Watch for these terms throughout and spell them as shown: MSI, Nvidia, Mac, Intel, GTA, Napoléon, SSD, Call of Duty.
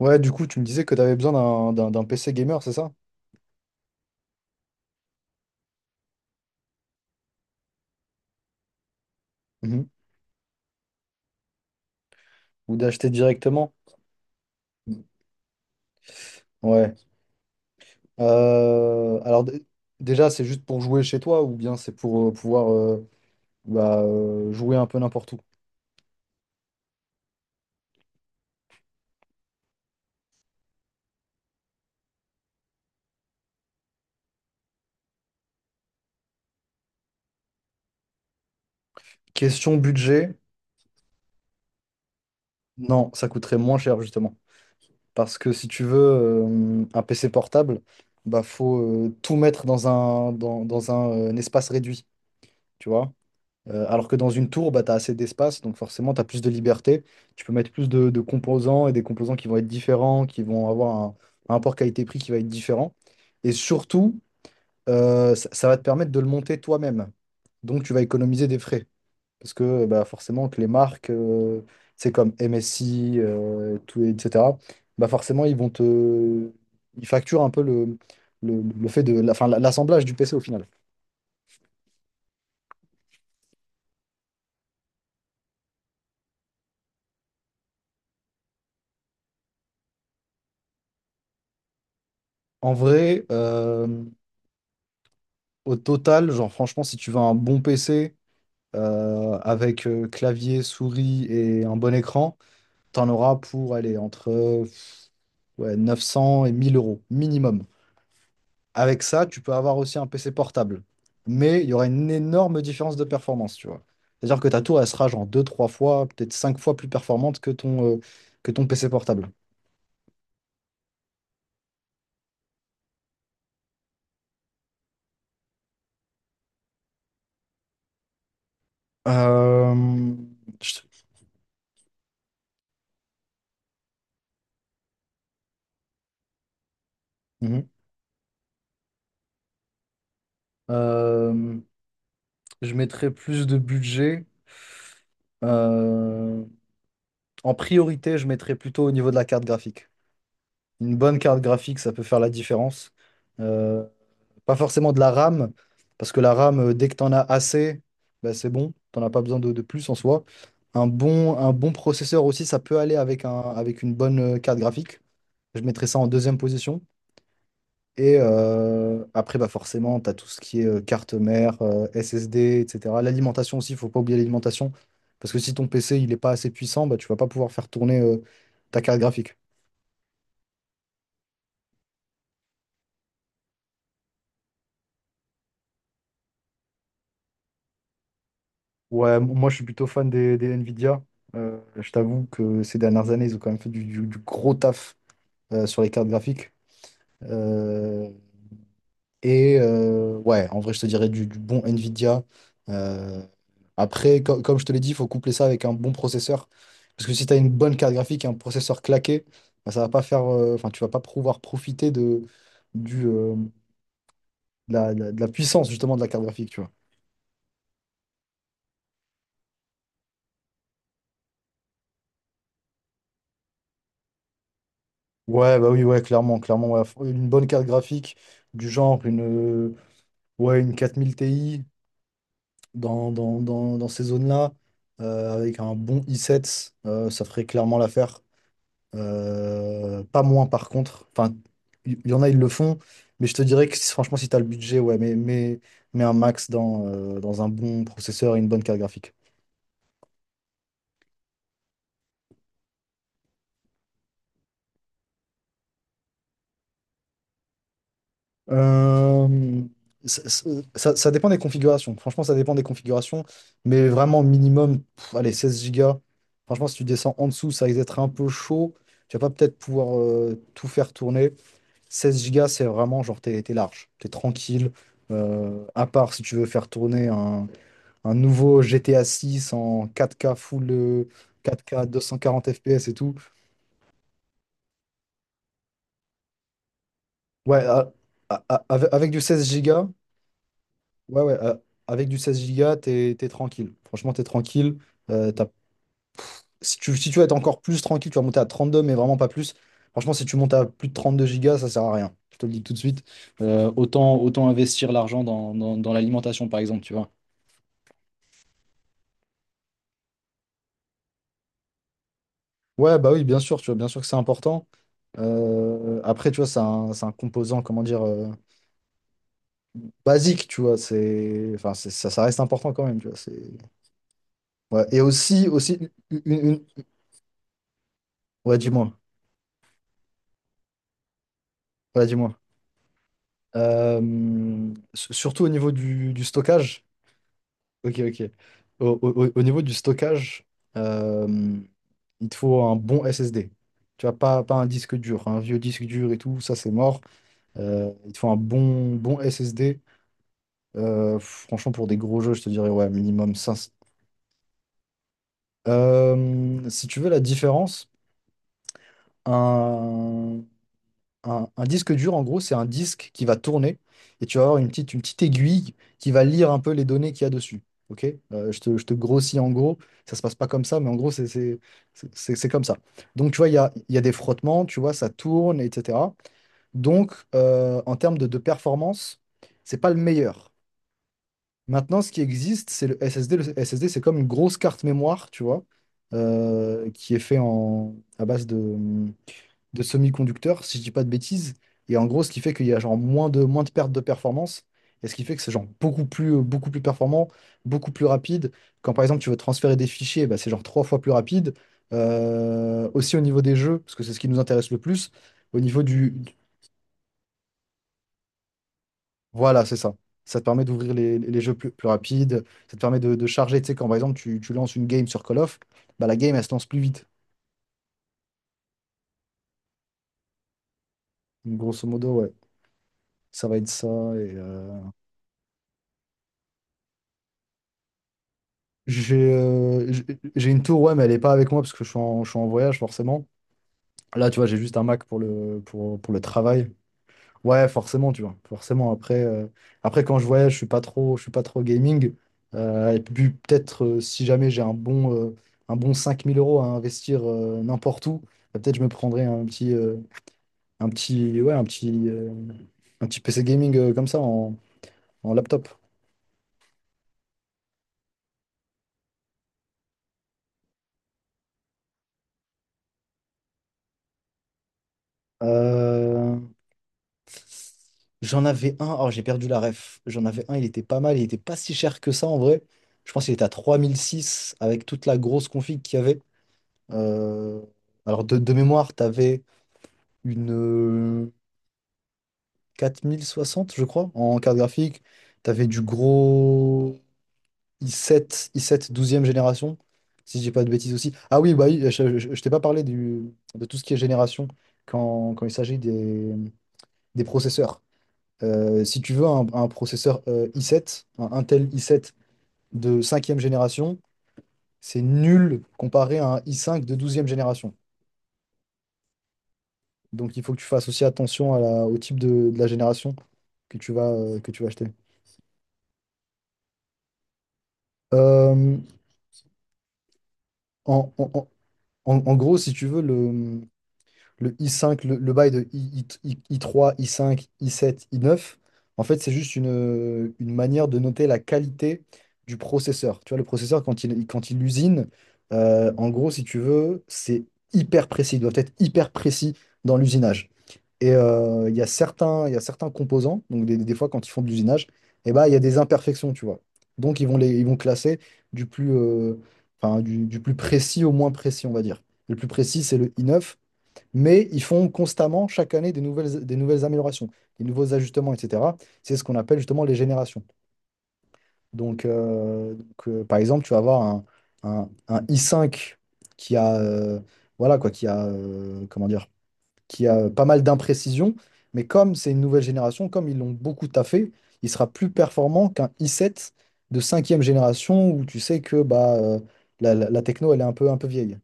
Ouais, du coup, tu me disais que tu avais besoin d'un PC gamer, c'est ça? Mhm. Ou d'acheter directement? Ouais. Alors, déjà, c'est juste pour jouer chez toi ou bien c'est pour pouvoir bah, jouer un peu n'importe où? Question budget, non, ça coûterait moins cher justement. Parce que si tu veux un PC portable, bah faut tout mettre dans un, dans, dans un espace réduit, tu vois? Alors que dans une tour, bah, tu as assez d'espace, donc forcément, tu as plus de liberté. Tu peux mettre plus de composants et des composants qui vont être différents, qui vont avoir un rapport qualité-prix qui va être différent. Et surtout, ça va te permettre de le monter toi-même. Donc, tu vas économiser des frais. Parce que bah, forcément, que les marques, c'est comme MSI, tout, etc., bah, forcément, ils vont te... Ils facturent un peu le fait de... enfin, l'assemblage du PC au final. En vrai... au total, genre franchement, si tu veux un bon PC avec clavier, souris et un bon écran, t'en auras pour aller entre ouais, 900 et 1 000 € minimum. Avec ça, tu peux avoir aussi un PC portable. Mais il y aura une énorme différence de performance, tu vois. C'est-à-dire que ta tour, elle sera genre deux trois fois, peut-être cinq fois plus performante que ton PC portable. Euh, je... Mhm. Euh, je mettrais plus de budget. euh, En priorité, je mettrais plutôt au niveau de la carte graphique. Une bonne carte graphique, ça peut faire la différence. Euh, Pas forcément de la RAM, parce que la RAM, dès que tu en as assez, bah, c'est bon. Tu n'en as pas besoin de plus en soi. Un bon processeur aussi, ça peut aller avec une bonne carte graphique. Je mettrais ça en deuxième position. Et après, bah forcément, tu as tout ce qui est carte mère, SSD, etc. L'alimentation aussi, il faut pas oublier l'alimentation. Parce que si ton PC il n'est pas assez puissant, bah, tu vas pas pouvoir faire tourner ta carte graphique. Ouais, moi je suis plutôt fan des Nvidia. Je t'avoue que ces dernières années, ils ont quand même fait du gros taf sur les cartes graphiques. Euh, et ouais, en vrai, je te dirais du bon Nvidia. Euh, Après, comme je te l'ai dit, il faut coupler ça avec un bon processeur. Parce que si tu as une bonne carte graphique et un processeur claqué, bah, ça va pas faire, enfin, tu vas pas pouvoir profiter du, euh, de la puissance justement de la carte graphique, tu vois. Ouais, bah oui, ouais, clairement, clairement, ouais. Faut une bonne carte graphique du genre euh, ouais, une 4000 Ti dans ces zones-là, avec un bon i7, ça ferait clairement l'affaire. Pas moins par contre. Enfin, y en a, ils le font, mais je te dirais que franchement, si tu as le budget, ouais, mais un max dans un bon processeur et une bonne carte graphique. Euh, ça, ça dépend des configurations. Franchement, ça dépend des configurations. Mais vraiment, minimum, pff, allez, 16 gigas. Franchement, si tu descends en dessous, ça risque d'être un peu chaud. Tu vas pas peut-être pouvoir tout faire tourner. Seize gigas, c'est vraiment genre, t'es large, t'es tranquille. À part si tu veux faire tourner un nouveau GTA six en quatre k full 4K 240 FPS et tout. Ouais, avec du 16 gigas. Ouais, ouais, avec du 16 gigas, t'es tranquille. Franchement, t'es tranquille. Euh, t'as- si tu veux être encore plus tranquille, tu vas monter à 32, mais vraiment pas plus. Franchement, si tu montes à plus de 32 gigas, ça sert à rien. Je te le dis tout de suite. Autant investir l'argent dans l'alimentation, par exemple, tu vois. Ouais, bah oui, bien sûr, tu vois, bien sûr que c'est important. Après, tu vois, c'est un composant, comment dire, basique, tu vois. Enfin, ça reste important quand même, tu vois. C'est, ouais. Et aussi, une, une- une- ouais, dis-moi. Ouais, dis-moi. Surtout au niveau du stockage. Ok, ok. Au niveau du stockage, euh, il te faut un bon SSD. Tu vois, pas un disque dur, un vieux disque dur et tout, ça c'est mort. Il te faut un bon SSD. Franchement, pour des gros jeux, je te dirais, ouais, minimum 500. Si tu veux la différence, un, un disque dur, en gros, c'est un disque qui va tourner et tu vas avoir une petite aiguille qui va lire un peu les données qu'il y a dessus. Ok? Je te grossis en gros, ça se passe pas comme ça, mais en gros, c'est comme ça. Donc, tu vois, il y a des frottements, tu vois, ça tourne, etc. Donc, en termes de performance, c'est pas le meilleur. Maintenant, ce qui existe, c'est le SSD. Le SSD, c'est comme une grosse carte mémoire, tu vois, qui est fait à base de semi-conducteurs, si je dis pas de bêtises. Et en gros, ce qui fait qu'il y a genre moins de pertes de performance. Et ce qui fait que c'est genre beaucoup plus performant, beaucoup plus rapide. Quand par exemple tu veux transférer des fichiers, bah, c'est genre trois fois plus rapide. Aussi au niveau des jeux, parce que c'est ce qui nous intéresse le plus. Au niveau Voilà, c'est ça. Ça te permet d'ouvrir les jeux plus rapides. Ça te permet de charger. Tu sais, quand par exemple tu lances une game sur Call of, bah, la game elle se lance plus vite. Donc, grosso modo, ouais. Ça va être ça. J'ai euh, j'ai j'ai une tour, ouais, mais elle est pas avec moi parce que je suis en voyage, forcément. Là, tu vois, j'ai juste un Mac pour le travail. Ouais, forcément, tu vois. Après quand je voyage, je suis pas trop gaming. Et puis, peut-être, si jamais j'ai un bon 5 000 € à investir n'importe où, bah, peut-être je me prendrais un petit, ouais, un petit, euh, un petit PC gaming comme ça en laptop. Euh, J'en avais un, oh j'ai perdu la ref. J'en avais un, il était pas mal, il était pas si cher que ça en vrai. Je pense qu'il était à 3006 avec toute la grosse config qu'il y avait. Euh, Alors de mémoire, t'avais une 4060, je crois, en carte graphique. T'avais du gros i sept douzième génération, si je dis pas de bêtises aussi. Ah oui, bah oui, je t'ai pas parlé de tout ce qui est génération quand il s'agit des processeurs. Si tu veux un processeur i7, un Intel i7 de cinquième génération, c'est nul comparé à un i5 de douzième génération. Donc il faut que tu fasses aussi attention au type de la génération que tu vas acheter. Euh, en, en- en- En gros, si tu veux, le i5, le bail de 3 i5, i7, i9, en fait, c'est juste une manière de noter la qualité du processeur. Tu vois, le processeur, quand il usine, en gros, si tu veux, c'est hyper précis. Il doit être hyper précis dans l'usinage. Et il y a certains composants, donc des fois, quand ils font de l'usinage, eh ben, il y a des imperfections, tu vois. Donc, ils vont classer du plus, euh, enfin, du plus précis au moins précis, on va dire. Le plus précis, c'est le i9. Mais ils font constamment, chaque année, des nouvelles améliorations, des nouveaux ajustements, etc. C'est ce qu'on appelle justement les générations. Par exemple, tu vas avoir un i cinq qui a, voilà quoi, qui a, comment dire, qui a pas mal d'imprécisions, mais comme c'est une nouvelle génération, comme ils l'ont beaucoup taffé, il sera plus performant qu'un i sept de cinquième génération où tu sais que bah, la techno, elle est un peu vieille.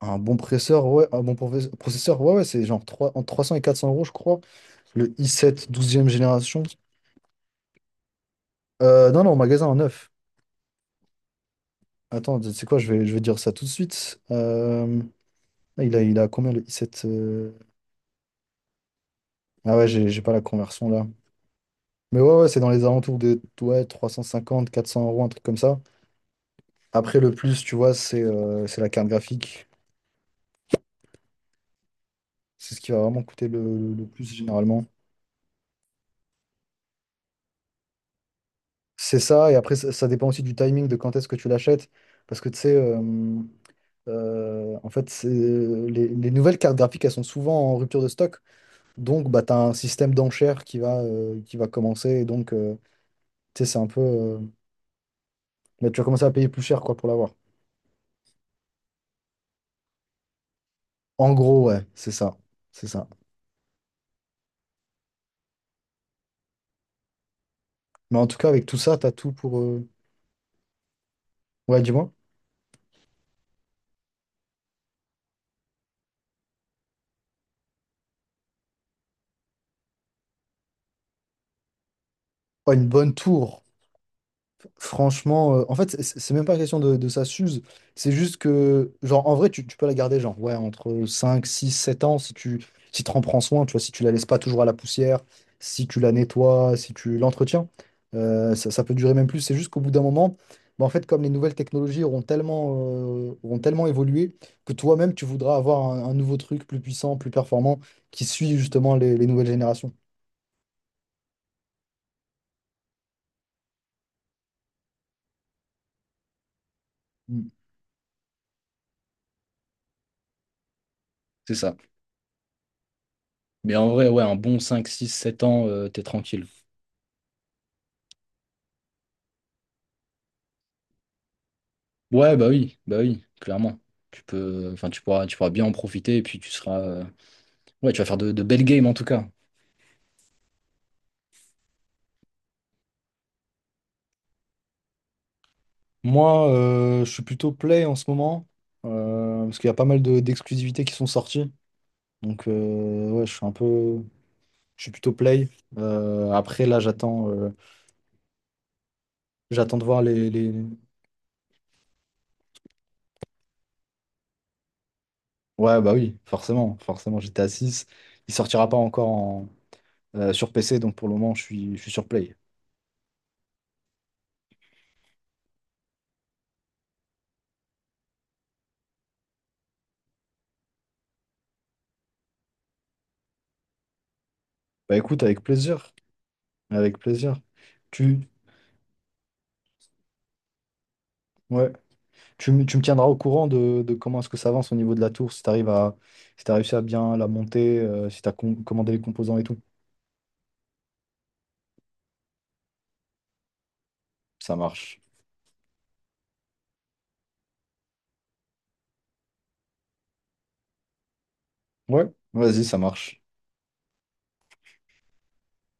Un bon processeur, ouais, un bon processeur, ouais, ouais, c'est genre entre 300 et 400 euros, je crois. Le i7 douzième génération. Non, non, au magasin en neuf. Attends, tu sais quoi, je vais dire ça tout de suite. Là, il a combien le i7? Ah ouais, j'ai pas la conversion là. Mais ouais, ouais, c'est dans les alentours de ouais, trois cent cinquante quatre cents euros, un truc comme ça. Après, le plus, tu vois, c'est la carte graphique. C'est ce qui va vraiment coûter le plus généralement. C'est ça, et après, ça dépend aussi du timing de quand est-ce que tu l'achètes. Parce que tu sais. En fait, les nouvelles cartes graphiques, elles sont souvent en rupture de stock. Donc, bah, tu as un système d'enchères qui va commencer. Et donc, tu sais, c'est un peu. Bah, tu vas commencer à payer plus cher quoi, pour l'avoir. En gros, ouais, c'est ça. C'est ça. Mais en tout cas, avec tout ça, tu as tout pour. Ouais, dis-moi. Ouais, une bonne tour. Franchement, en fait, c'est même pas question de ça s'use. C'est juste que, genre, en vrai, tu peux la garder, genre, ouais, entre 5 6 7 ans, si t'en prends soin, tu vois, si tu la laisses pas toujours à la poussière, si tu la nettoies, si tu l'entretiens, ça peut durer même plus. C'est juste qu'au bout d'un moment, bah, en fait, comme les nouvelles technologies auront tellement évolué, que toi-même, tu voudras avoir un nouveau truc plus puissant, plus performant, qui suit justement les nouvelles générations. Mm. C'est ça. Mais en vrai, ouais, un bon 5 6 sept ans, t'es tranquille. Ouais, bah oui, clairement. Enfin, tu pourras bien en profiter et puis tu vas faire de belles games en tout cas. Moi, je suis plutôt play en ce moment, parce qu'il y a pas mal d'exclusivités qui sont sorties. Donc, ouais, je suis un peu. Je suis plutôt play. Après, là, j'attends de voir les, ouais, bah oui, forcément, forcément, j'étais à six. Il sortira pas encore sur PC, donc pour le moment, je suis sur play. Bah écoute, avec plaisir. Avec plaisir. Tu. Ouais. Tu me tiendras au courant de comment est-ce que ça avance au niveau de la tour, si t'as réussi à bien la monter, si tu as commandé les composants et tout. Ça marche. Ouais, vas-y, ça marche.